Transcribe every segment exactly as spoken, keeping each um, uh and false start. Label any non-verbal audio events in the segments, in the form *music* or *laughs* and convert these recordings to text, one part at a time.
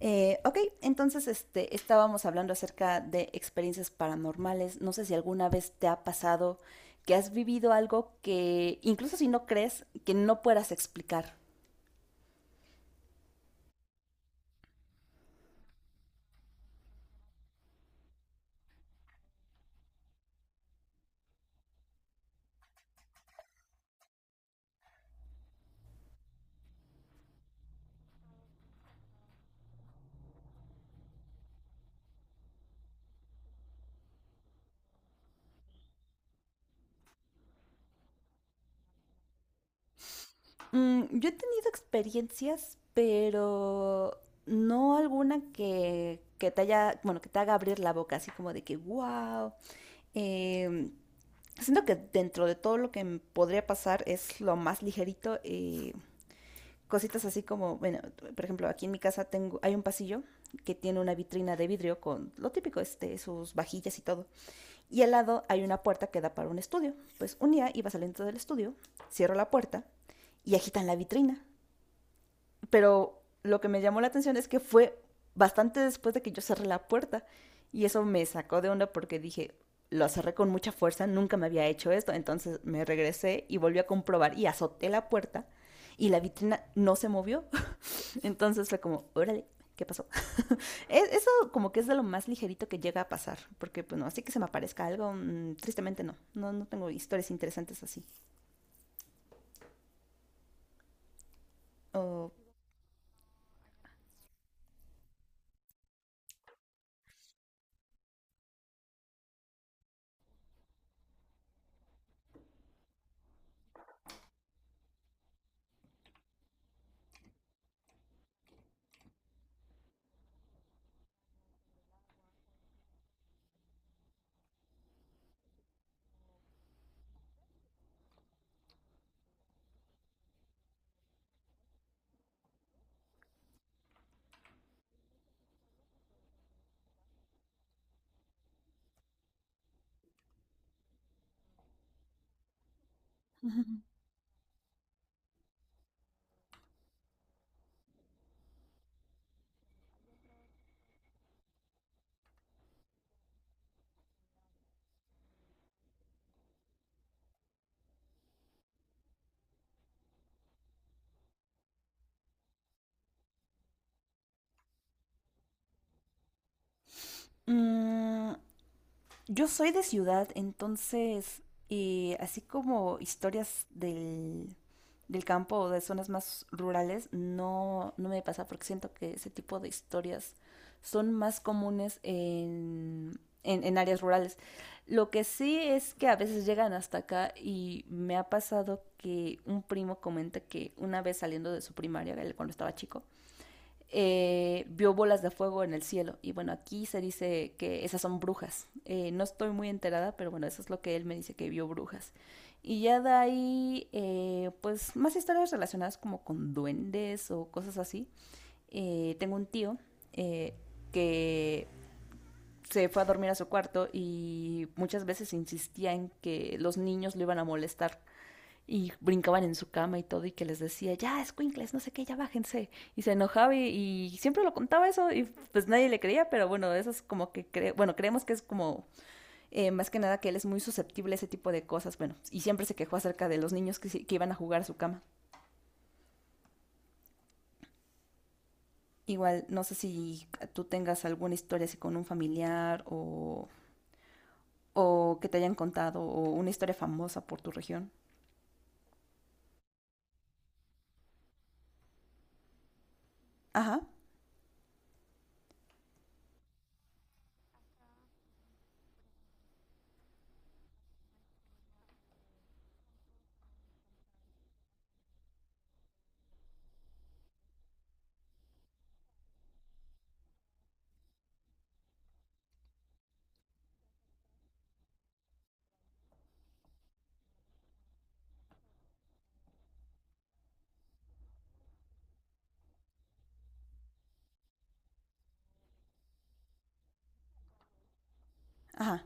Eh, ok, entonces este, estábamos hablando acerca de experiencias paranormales. No sé si alguna vez te ha pasado que has vivido algo que, incluso si no crees, que no puedas explicar. Mm, yo he tenido experiencias, pero no alguna que, que te haya, bueno, que te haga abrir la boca, así como de que, wow. Siento que dentro de todo lo que me podría pasar es lo más ligerito. Eh, cositas así como, bueno, por ejemplo, aquí en mi casa tengo, hay un pasillo que tiene una vitrina de vidrio con lo típico, este, sus vajillas y todo. Y al lado hay una puerta que da para un estudio. Pues un día iba saliendo del estudio, cierro la puerta y agitan la vitrina. Pero lo que me llamó la atención es que fue bastante después de que yo cerré la puerta. Y eso me sacó de onda porque dije, lo cerré con mucha fuerza, nunca me había hecho esto. Entonces me regresé y volví a comprobar y azoté la puerta y la vitrina no se movió. Entonces fue como, órale, ¿qué pasó? Es- eso como que es de lo más ligerito que llega a pasar, porque pues no así que se me aparezca algo, mm, tristemente no, no, no tengo historias interesantes así. O, mm, yo soy de ciudad, entonces, eh, así como historias del, del campo o de zonas más rurales, no, no me pasa porque siento que ese tipo de historias son más comunes en, en, en áreas rurales. Lo que sí es que a veces llegan hasta acá y me ha pasado que un primo comenta que una vez saliendo de su primaria, él cuando estaba chico, eh, vio bolas de fuego en el cielo. Y bueno, aquí se dice que esas son brujas. Eh, no estoy muy enterada, pero bueno, eso es lo que él me dice que vio brujas. Y ya de ahí, eh, pues más historias relacionadas como con duendes o cosas así. Eh, tengo un tío eh, que se fue a dormir a su cuarto y muchas veces insistía en que los niños lo iban a molestar y brincaban en su cama y todo, y que les decía, ya, escuincles, no sé qué, ya bájense. Y se enojaba y, y siempre lo contaba eso, y pues nadie le creía, pero bueno, eso es como que, cre- bueno, creemos que es como, eh, más que nada que él es muy susceptible a ese tipo de cosas, bueno, y siempre se quejó acerca de los niños que, sí, que iban a jugar a su cama. Igual, no sé si tú tengas alguna historia así con un familiar o, o que te hayan contado, o una historia famosa por tu región. Ajá, ajá.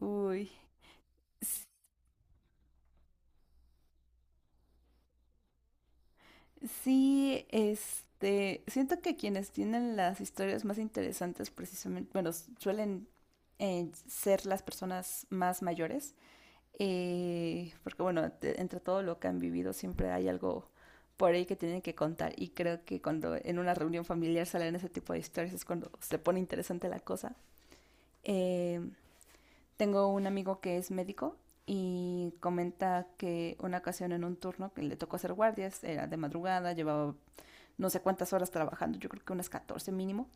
Uy. Sí, este, siento que quienes tienen las historias más interesantes precisamente, bueno, s- suelen eh, ser las personas más mayores, eh, porque bueno, te- entre todo lo que han vivido siempre hay algo por ahí que tienen que contar y creo que cuando en una reunión familiar salen ese tipo de historias es cuando se pone interesante la cosa. Eh, tengo un amigo que es médico y comenta que una ocasión en un turno que le tocó hacer guardias, era de madrugada, llevaba no sé cuántas horas trabajando, yo creo que unas catorce mínimo.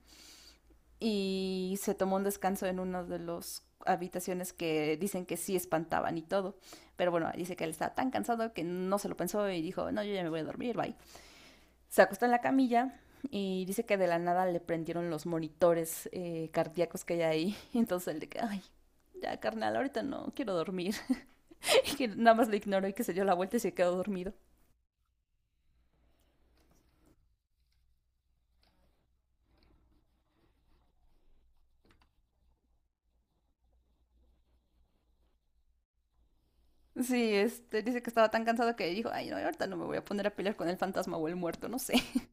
Y se tomó un descanso en una de las habitaciones que dicen que sí espantaban y todo. Pero bueno, dice que él estaba tan cansado que no se lo pensó y dijo, no, yo ya me voy a dormir, bye. Se acostó en la camilla y dice que de la nada le prendieron los monitores eh, cardíacos que hay ahí. *laughs* Entonces él de que, ay, ya carnal, ahorita no quiero dormir. *laughs* Y que nada más le ignoró y que se dio la vuelta y se quedó dormido. Sí, este, dice que estaba tan cansado que dijo, ay, no, ahorita no me voy a poner a pelear con el fantasma o el muerto, no sé. *laughs*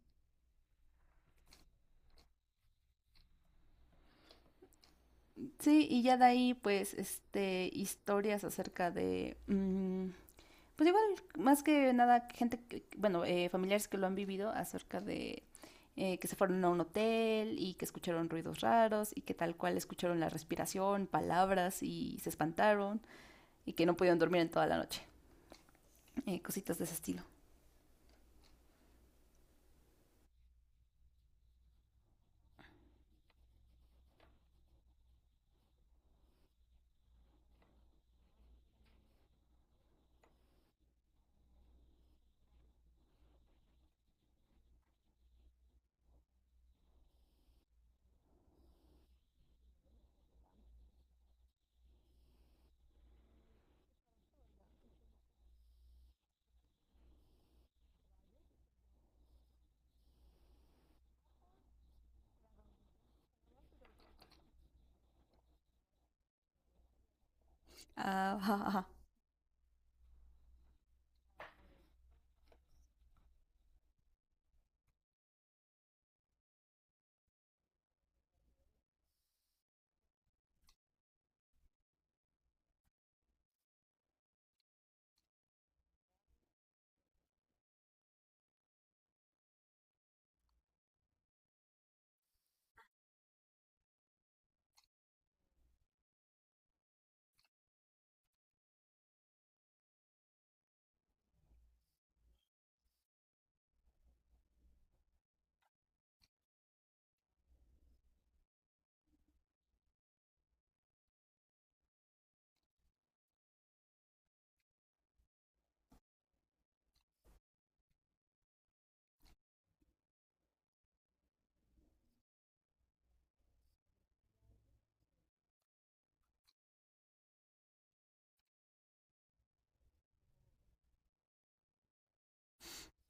Sí, y ya de ahí, pues, este, historias acerca de, mm, pues igual, más que nada, gente, que- bueno, eh, familiares que lo han vivido acerca de eh, que se fueron a un hotel y que escucharon ruidos raros y que tal cual escucharon la respiración, palabras y se espantaron y que no pudieron dormir en toda la noche. Eh, cositas de ese estilo. Ah, ajá, ajá.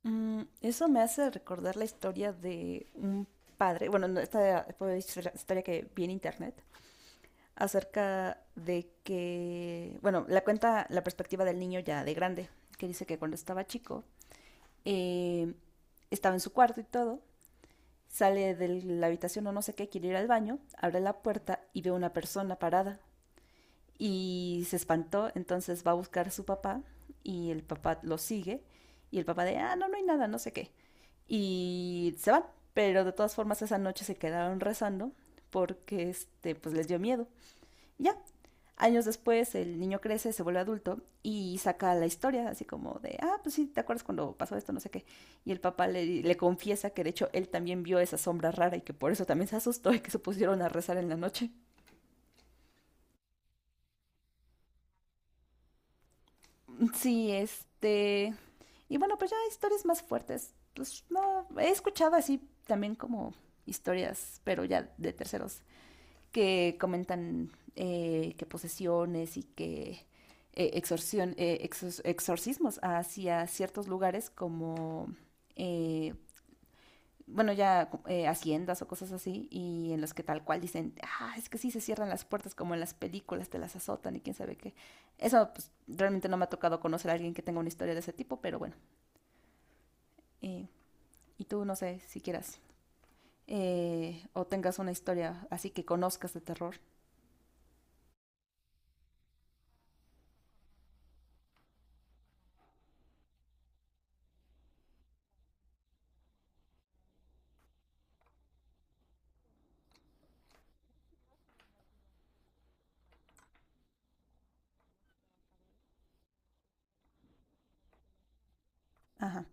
Mm, eso me hace recordar la historia de un padre, bueno, no, esta fue historia historia que vi en internet, acerca de que, bueno, la cuenta la perspectiva del niño ya de grande, que dice que cuando estaba chico, eh, estaba en su cuarto y todo, sale de la habitación o no sé qué, quiere ir al baño, abre la puerta y ve una persona parada y se espantó, entonces va a buscar a su papá y el papá lo sigue y el papá de, ah, no, no hay nada, no sé qué. Y se van, pero de todas formas esa noche se quedaron rezando porque este, pues les dio miedo. Ya, años después el niño crece, se vuelve adulto y saca la historia, así como de, ah, pues sí, ¿te acuerdas cuando pasó esto? No sé qué. Y el papá le, le confiesa que de hecho él también vio esa sombra rara y que por eso también se asustó y que se pusieron a rezar en la noche. Sí, este, y bueno, pues ya historias más fuertes. Pues no, he escuchado así también como historias, pero ya de terceros, que comentan eh, que posesiones y que eh, exorción, eh, exor- exorcismos hacia ciertos lugares como, eh, bueno, ya eh, haciendas o cosas así, y en los que tal cual dicen, ah, es que sí se cierran las puertas como en las películas, te las azotan y quién sabe qué. Eso pues, realmente no me ha tocado conocer a alguien que tenga una historia de ese tipo, pero bueno, eh, y tú, no sé, si quieras eh, o tengas una historia así que conozcas de terror. Ajá.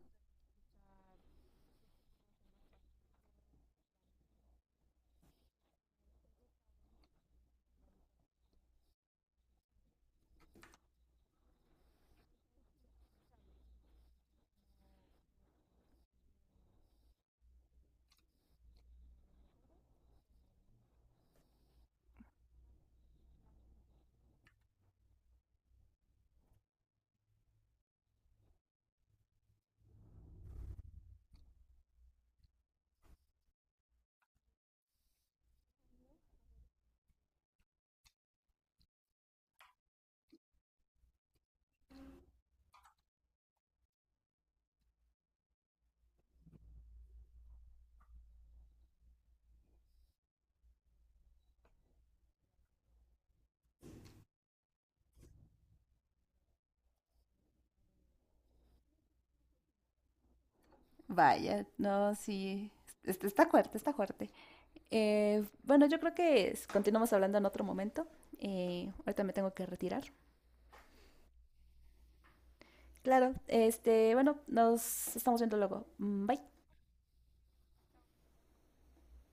Vaya, no, sí. Este está fuerte, está fuerte. Eh, bueno, yo creo que es- continuamos hablando en otro momento. Eh, ahorita me tengo que retirar. Claro, este, bueno, nos estamos viendo luego. Mm, bye.